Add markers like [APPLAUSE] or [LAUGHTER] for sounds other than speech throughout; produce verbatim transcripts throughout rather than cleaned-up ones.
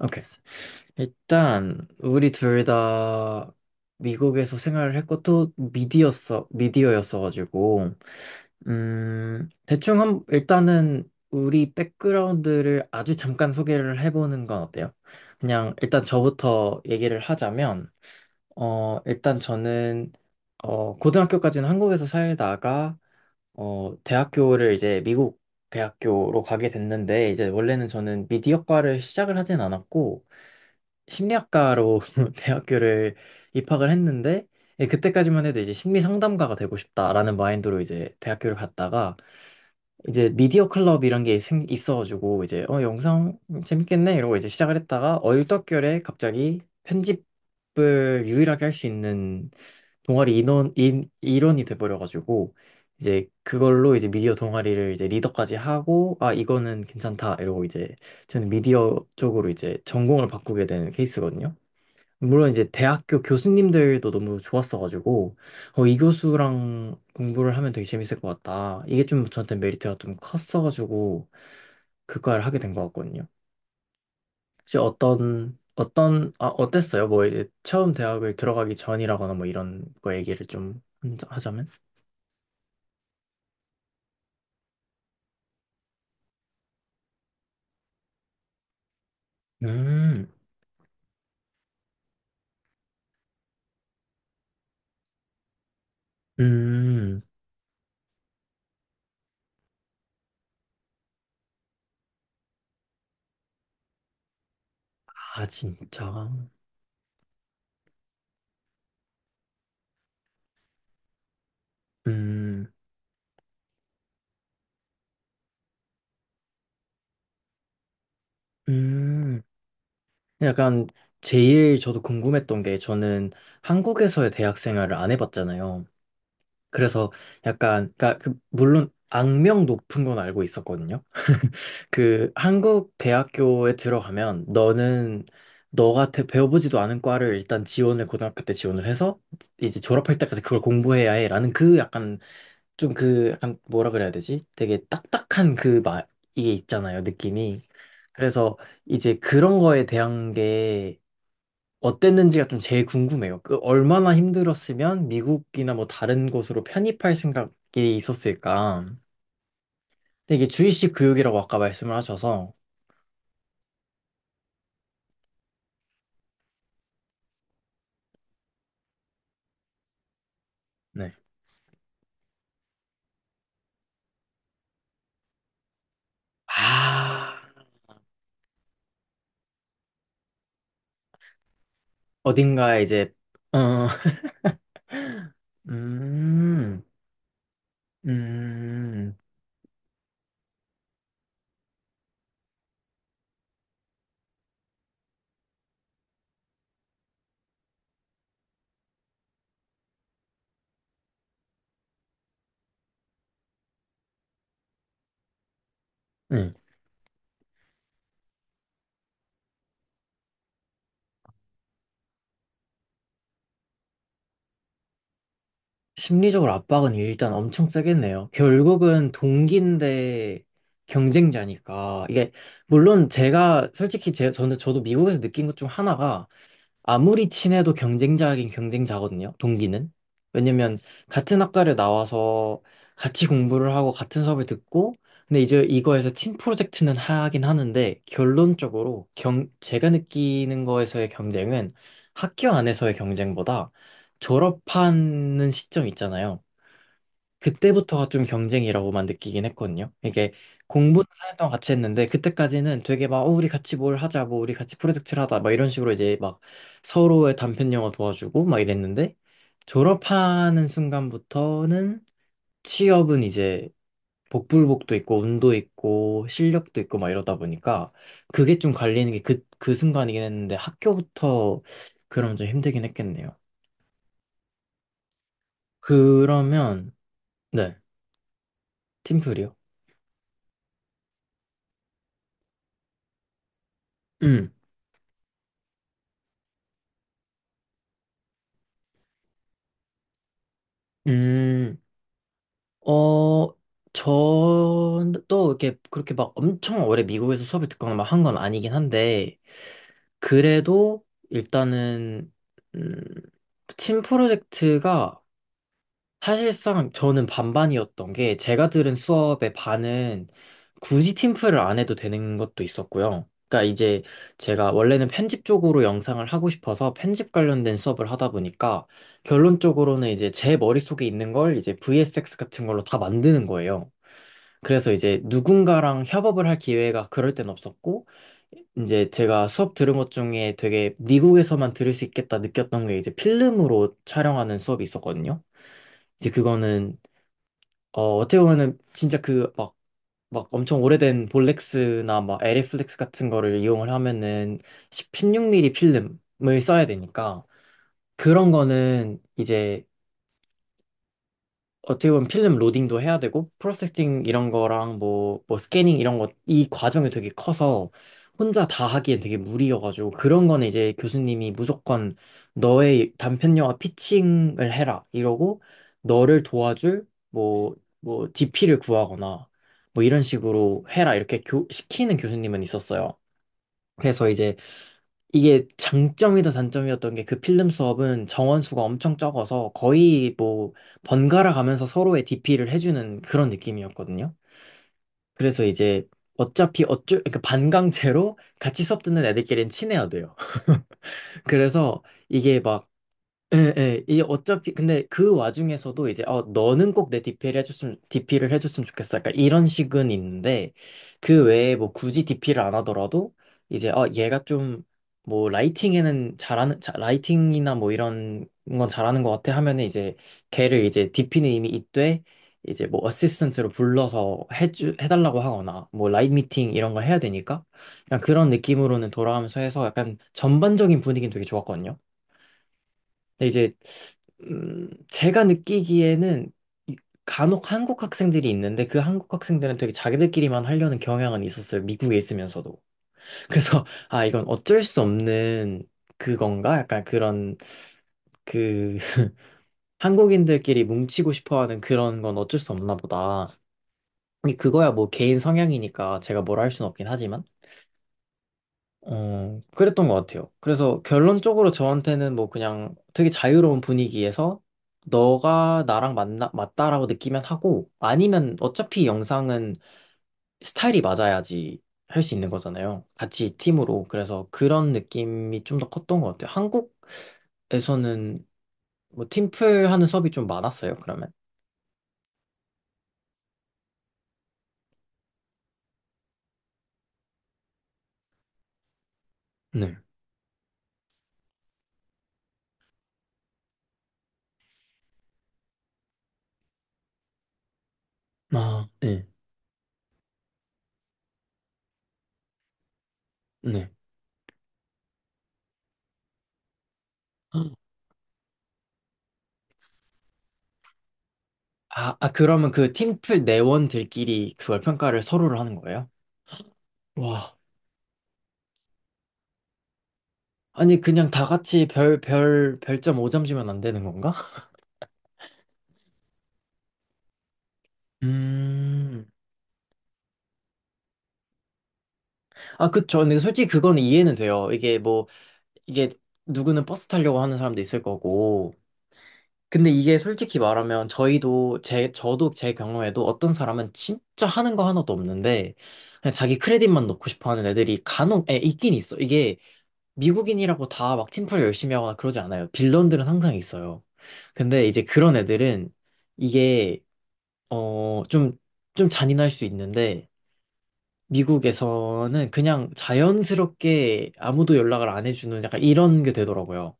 오케이. 일단 우리 둘 다 미국에서 생활을 했고 또 미디어였어 미디어였어가지고, 음 대충 한 일단은 우리 백그라운드를 아주 잠깐 소개를 해보는 건 어때요? 그냥 일단 저부터 얘기를 하자면, 어 일단 저는 어 고등학교까지는 한국에서 살다가, 어, 대학교를 이제 미국 대학교로 가게 됐는데, 이제 원래는 저는 미디어과를 시작을 하진 않았고, 심리학과로 [LAUGHS] 대학교를 입학을 했는데, 예, 그때까지만 해도 이제 심리 상담가가 되고 싶다라는 마인드로 이제 대학교를 갔다가, 이제 미디어 클럽 이런 게 생, 있어가지고 이제 어 영상 재밌겠네 이러고 이제 시작을 했다가, 얼떨결에 갑자기 편집을 유일하게 할 수 있는 동아리 인원 인, 일원이 돼버려가지고 이제 그걸로 이제 미디어 동아리를 이제 리더까지 하고, 아 이거는 괜찮다 이러고 이제 저는 미디어 쪽으로 이제 전공을 바꾸게 되는 케이스거든요. 물론 이제 대학교 교수님들도 너무 좋았어가지고, 어, 이 교수랑 공부를 하면 되게 재밌을 것 같다, 이게 좀 저한테 메리트가 좀 컸어가지고 그를 하게 된 것 같거든요. 혹시 어떤 어떤 아 어땠어요? 뭐 이제 처음 대학을 들어가기 전이라거나 뭐 이런 거 얘기를 좀 한- 하자면. 음. 음. 아, 진짜? 음. 음. 약간 제일 저도 궁금했던 게, 저는 한국에서의 대학 생활을 안 해봤잖아요. 그래서 약간 그러니까 그 물론 악명 높은 건 알고 있었거든요. [LAUGHS] 그 한국 대학교에 들어가면 너는 너 같아 배워보지도 않은 과를 일단 지원을 고등학교 때 지원을 해서 이제 졸업할 때까지 그걸 공부해야 해라는, 그 약간 좀 그 약간 뭐라 그래야 되지? 되게 딱딱한 그 말, 이게 있잖아요, 느낌이. 그래서 이제 그런 거에 대한 게 어땠는지가 좀 제일 궁금해요. 그 얼마나 힘들었으면 미국이나 뭐 다른 곳으로 편입할 생각이 있었을까? 근데 이게 주입식 교육이라고 아까 말씀을 하셔서. 네. 아, 어딘가에 이제. 어, [LAUGHS] 음. 음. 네. 심리적으로 압박은 일단 엄청 세겠네요. 결국은 동기인데 경쟁자니까. 이게 물론 제가 솔직히 제 저는 저도 미국에서 느낀 것 중 하나가, 아무리 친해도 경쟁자긴 경쟁자거든요, 동기는. 왜냐면 같은 학과를 나와서 같이 공부를 하고 같은 수업을 듣고, 근데 이제 이거에서 팀 프로젝트는 하긴 하는데, 결론적으로 경, 제가 느끼는 거에서의 경쟁은, 학교 안에서의 경쟁보다 졸업하는 시점 있잖아요. 그때부터가 좀 경쟁이라고만 느끼긴 했거든요. 이게 공부는 한년 동안 같이 했는데 그때까지는 되게 막 어, 우리 같이 뭘 하자, 뭐 우리 같이 프로젝트를 하자, 막 이런 식으로 이제 막 서로의 단편 영어 도와주고 막 이랬는데, 졸업하는 순간부터는 취업은 이제 복불복도 있고 운도 있고 실력도 있고 막 이러다 보니까 그게 좀 갈리는 게 그, 그 순간이긴 했는데 학교부터 그럼 좀 힘들긴 했겠네요. 그러면. 네, 팀플이요. 음. 음. 어, 저도 이렇게 그렇게 막 엄청 오래 미국에서 수업을 듣거나 막 한 건 아니긴 한데, 그래도 일단은, 음, 팀 프로젝트가 사실상 저는 반반이었던 게, 제가 들은 수업의 반은 굳이 팀플을 안 해도 되는 것도 있었고요. 그러니까 이제 제가 원래는 편집 쪽으로 영상을 하고 싶어서 편집 관련된 수업을 하다 보니까 결론적으로는 이제 제 머릿속에 있는 걸 이제 브이에프엑스 같은 걸로 다 만드는 거예요. 그래서 이제 누군가랑 협업을 할 기회가 그럴 땐 없었고, 이제 제가 수업 들은 것 중에 되게 미국에서만 들을 수 있겠다 느꼈던 게, 이제 필름으로 촬영하는 수업이 있었거든요. 이제 그거는 어, 어떻게 보면은 진짜 그 막 막 엄청 오래된 볼렉스나 막 에리플렉스 같은 거를 이용을 하면은 십육 밀리미터 필름을 써야 되니까 그런 거는 이제 어떻게 보면 필름 로딩도 해야 되고 프로세싱 이런 거랑 뭐, 뭐 스캐닝 이런 거 이 과정이 되게 커서 혼자 다 하기엔 되게 무리여가지고 그런 거는 이제 교수님이 무조건 너의 단편 영화 피칭을 해라 이러고 너를 도와줄 뭐 뭐 디피를 구하거나 뭐 이런 식으로 해라 이렇게 교, 시키는 교수님은 있었어요. 그래서 이제 이게 장점이다 단점이었던 게, 그 필름 수업은 정원 수가 엄청 적어서 거의 뭐 번갈아 가면서 서로의 디피를 해주는 그런 느낌이었거든요. 그래서 이제 어차피 어쩔 그러니까 반강제로 같이 수업 듣는 애들끼리는 친해야 돼요. [LAUGHS] 그래서 이게 예, 예. 이 어차피 근데 그 와중에서도 이제 어 너는 꼭 내 디피를 해줬으면 디피를 해줬으면 좋겠어, 약간 이런 식은 있는데, 그 외에 뭐 굳이 디피를 안 하더라도 이제 어 얘가 좀 뭐 라이팅에는 잘하는 자, 라이팅이나 뭐 이런 건 잘하는 것 같아 하면은 이제 걔를 이제 디피는 이미 있되 이제 뭐 어시스턴트로 불러서 해주 해달라고 하거나 뭐 라인 미팅 이런 걸 해야 되니까 그냥 그런 느낌으로는 돌아가면서 해서 약간 전반적인 분위기는 되게 좋았거든요. 근데 이제 음, 제가 느끼기에는 이- 간혹 한국 학생들이 있는데, 그 한국 학생들은 되게 자기들끼리만 하려는 경향은 있었어요, 미국에 있으면서도. 그래서 [LAUGHS] 아, 이건 어쩔 수 없는 그건가? 약간 그런, 그 [LAUGHS] 한국인들끼리 뭉치고 싶어하는 그런 건 어쩔 수 없나 보다. 근데 그거야 뭐 개인 성향이니까 제가 뭐라 할 수는 없긴 하지만. 어, 그랬던 것 같아요. 그래서 결론적으로 저한테는 뭐 그냥 되게 자유로운 분위기에서 너가 나랑 맞나, 맞다라고 느끼면 하고 아니면, 어차피 영상은 스타일이 맞아야지 할 수 있는 거잖아요, 같이 팀으로. 그래서 그런 느낌이 좀 더 컸던 것 같아요. 한국에서는 뭐 팀플 하는 수업이 좀 많았어요, 그러면? 네. 아, 네. 네. 아, 아, 그러면 그 팀플 내원들끼리 그걸 평가를 서로를 하는 거예요? 와. 아니, 그냥 다 같이 별, 별, 별점 오 점 주면 안 되는 건가? 음. 아, 그쵸. 근데 솔직히 그건 이해는 돼요. 이게 뭐, 이게 누구는 버스 타려고 하는 사람도 있을 거고. 근데 이게 솔직히 말하면 저희도, 제, 저도 제 경우에도 어떤 사람은 진짜 하는 거 하나도 없는데, 그냥 자기 크레딧만 넣고 싶어 하는 애들이 간혹, 에, 있긴 있어. 이게 미국인이라고 다 막 팀플 열심히 하거나 그러지 않아요. 빌런들은 항상 있어요. 근데 이제 그런 애들은 이게 어, 좀, 좀 잔인할 수 있는데, 미국에서는 그냥 자연스럽게 아무도 연락을 안 해주는 약간 이런 게 되더라고요.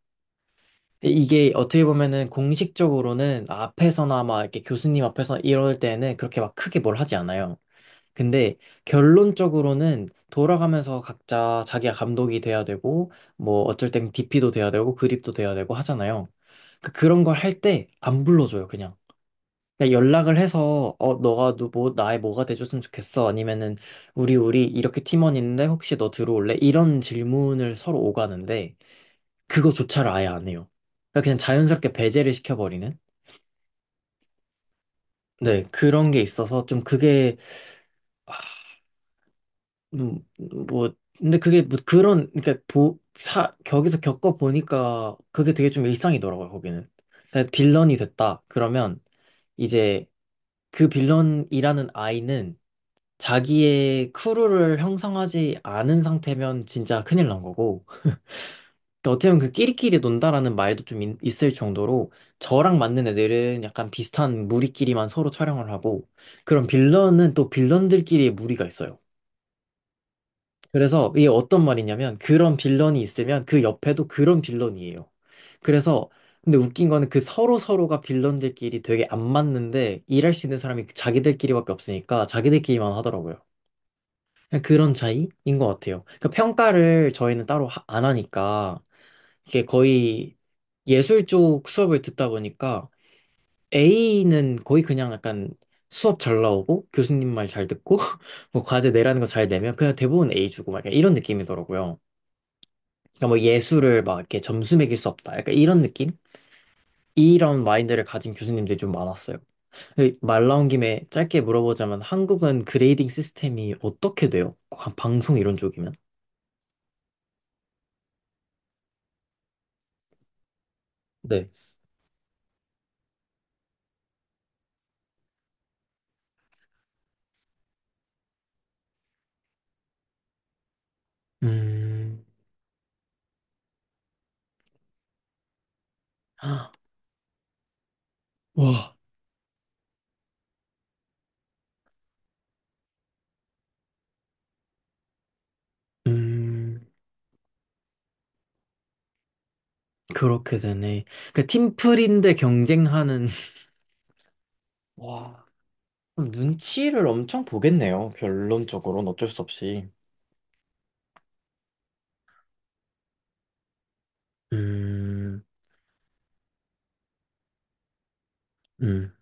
이- 게 어떻게 보면은 공식적으로는 앞에서나 막 이렇게 교수님 앞에서 이럴 때는 그렇게 막 크게 뭘 하지 않아요. 근데 결론적으로는 돌아가면서 각자 자기가 감독이 돼야 되고, 뭐 어쩔 땐 디피도 돼야 되고, 그립도 돼야 되고 하잖아요. 그- 그런 걸 할 때 안 불러줘요, 그냥. 그냥 연락을 해서 어 너가 너뭐 나의 뭐가 돼줬으면 좋겠어 아니면은 우리 우리 이렇게 팀원 있는데 혹시 너 들어올래? 이런 질문을 서로 오가는데 그거조차를 아예 안 해요. 그러니까 그냥 자연스럽게 배제를 시켜버리는. 네. 그런 게 있어서 좀 그게. 아, 음, 뭐, 근데 그게 뭐 그런 그러니까 보, 사, 거기서 겪어 보니까 그게 되게 좀 일상이더라고요, 거기는. 그러니까 빌런이 됐다 그러면 이제 그 빌런이라는 아이는 자기의 크루를 형성하지 않은 상태면 진짜 큰일 난 거고, 근데 어떻게 보면 그 끼리끼리 논다라는 말도 좀 있- 있을 정도로 저랑 맞는 애들은 약간 비슷한 무리끼리만 서로 촬영을 하고, 그런 빌런은 또 빌런들끼리의 무리가 있어요. 그래서 이게 어떤 말이냐면 그런 빌런이 있으면 그 옆에도 그런 빌런이에요. 그래서 근데 웃긴 거는 그 서로 서로가 빌런들끼리 되게 안 맞는데 일할 수 있는 사람이 자기들끼리밖에 없으니까 자기들끼리만 하더라고요. 그냥 그런 차이인 것 같아요. 그 평가를 저희는 따로 하- 안 하니까, 이게 거의 예술 쪽 수업을 듣다 보니까 A는 거의 그냥 약간 수업 잘 나오고 교수님 말 잘 듣고 [LAUGHS] 뭐 과제 내라는 거 잘 내면 그냥 대부분 에이 주고 막 약간 이런 느낌이더라고요. 그러니까 뭐 예술을 막 이렇게 점수 매길 수 없다, 약간 이런 느낌? 이런 마인드를 가진 교수님들이 좀 많았어요. 근데 말 나온 김에 짧게 물어보자면 한국은 그레이딩 시스템이 어떻게 돼요? 방송 이런 쪽이면? 네. 음. 헉. 와. 음. 그렇게 되네. 그 팀플인데 경쟁하는, [LAUGHS] 와, 그럼 눈치를 엄청 보겠네요, 결론적으로는 어쩔 수 없이. 음. 음.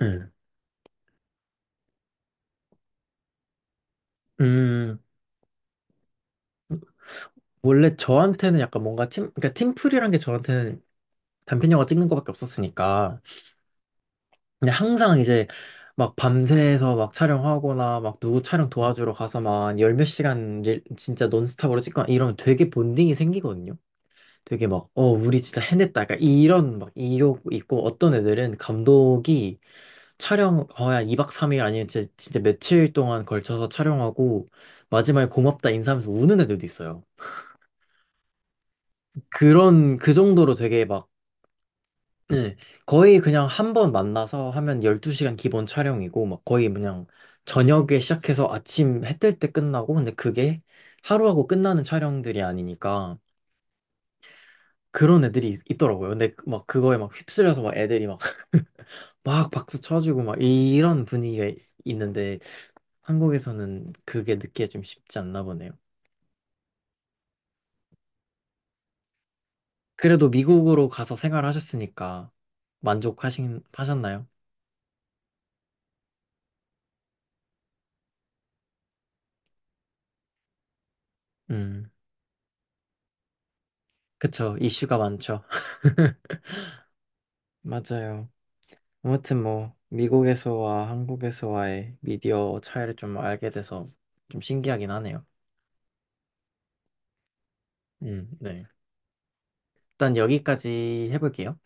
음. 음. 원래 저한테는 약간 뭔가 팀, 그러니까 팀플이란 게 저한테는 단편 영화 찍는 거밖에 없었으니까. 그냥 항상 이제 막 밤새서 막 촬영하거나 막 누구 촬영 도와주러 가서 막 열 몇 시간 일- 진짜 논스톱으로 찍거나 이러면 되게 본딩이 생기거든요. 되게 막 어, 우리 진짜 해냈다, 약간 이런 막 이욕 있고, 어떤 애들은 감독이 촬영 거의 한 이 박 삼 일 아니면 진짜, 진짜 며칠 동안 걸쳐서 촬영하고 마지막에 고맙다 인사하면서 우는 애들도 있어요. 그런, 그 정도로 되게 막, 예. 거의 그냥 한 번 만나서 하면 열두 시간 기본 촬영이고 막 거의 그냥 저녁에 시작해서 아침 해뜰 때 끝나고. 근데 그게 하루하고 끝나는 촬영들이 아니니까 그런 애들이 있, 더라고요. 근데 막 그거에 막 휩쓸려서 막 애들이 막 막 박수 쳐주고 막 이런 분위기가 이- 있는데, 한국에서는 그게 느끼기 좀 쉽지 않나 보네요. 그래도 미국으로 가서 생활하셨으니까 만족하신 하셨나요? 음. 그쵸, 이슈가 많죠. [LAUGHS] 맞아요. 아무튼 뭐 미국에서와 한국에서와의 미디어 차이를 좀 알게 돼서 좀 신기하긴 하네요. 음. 네. 일단 여기까지 해볼게요.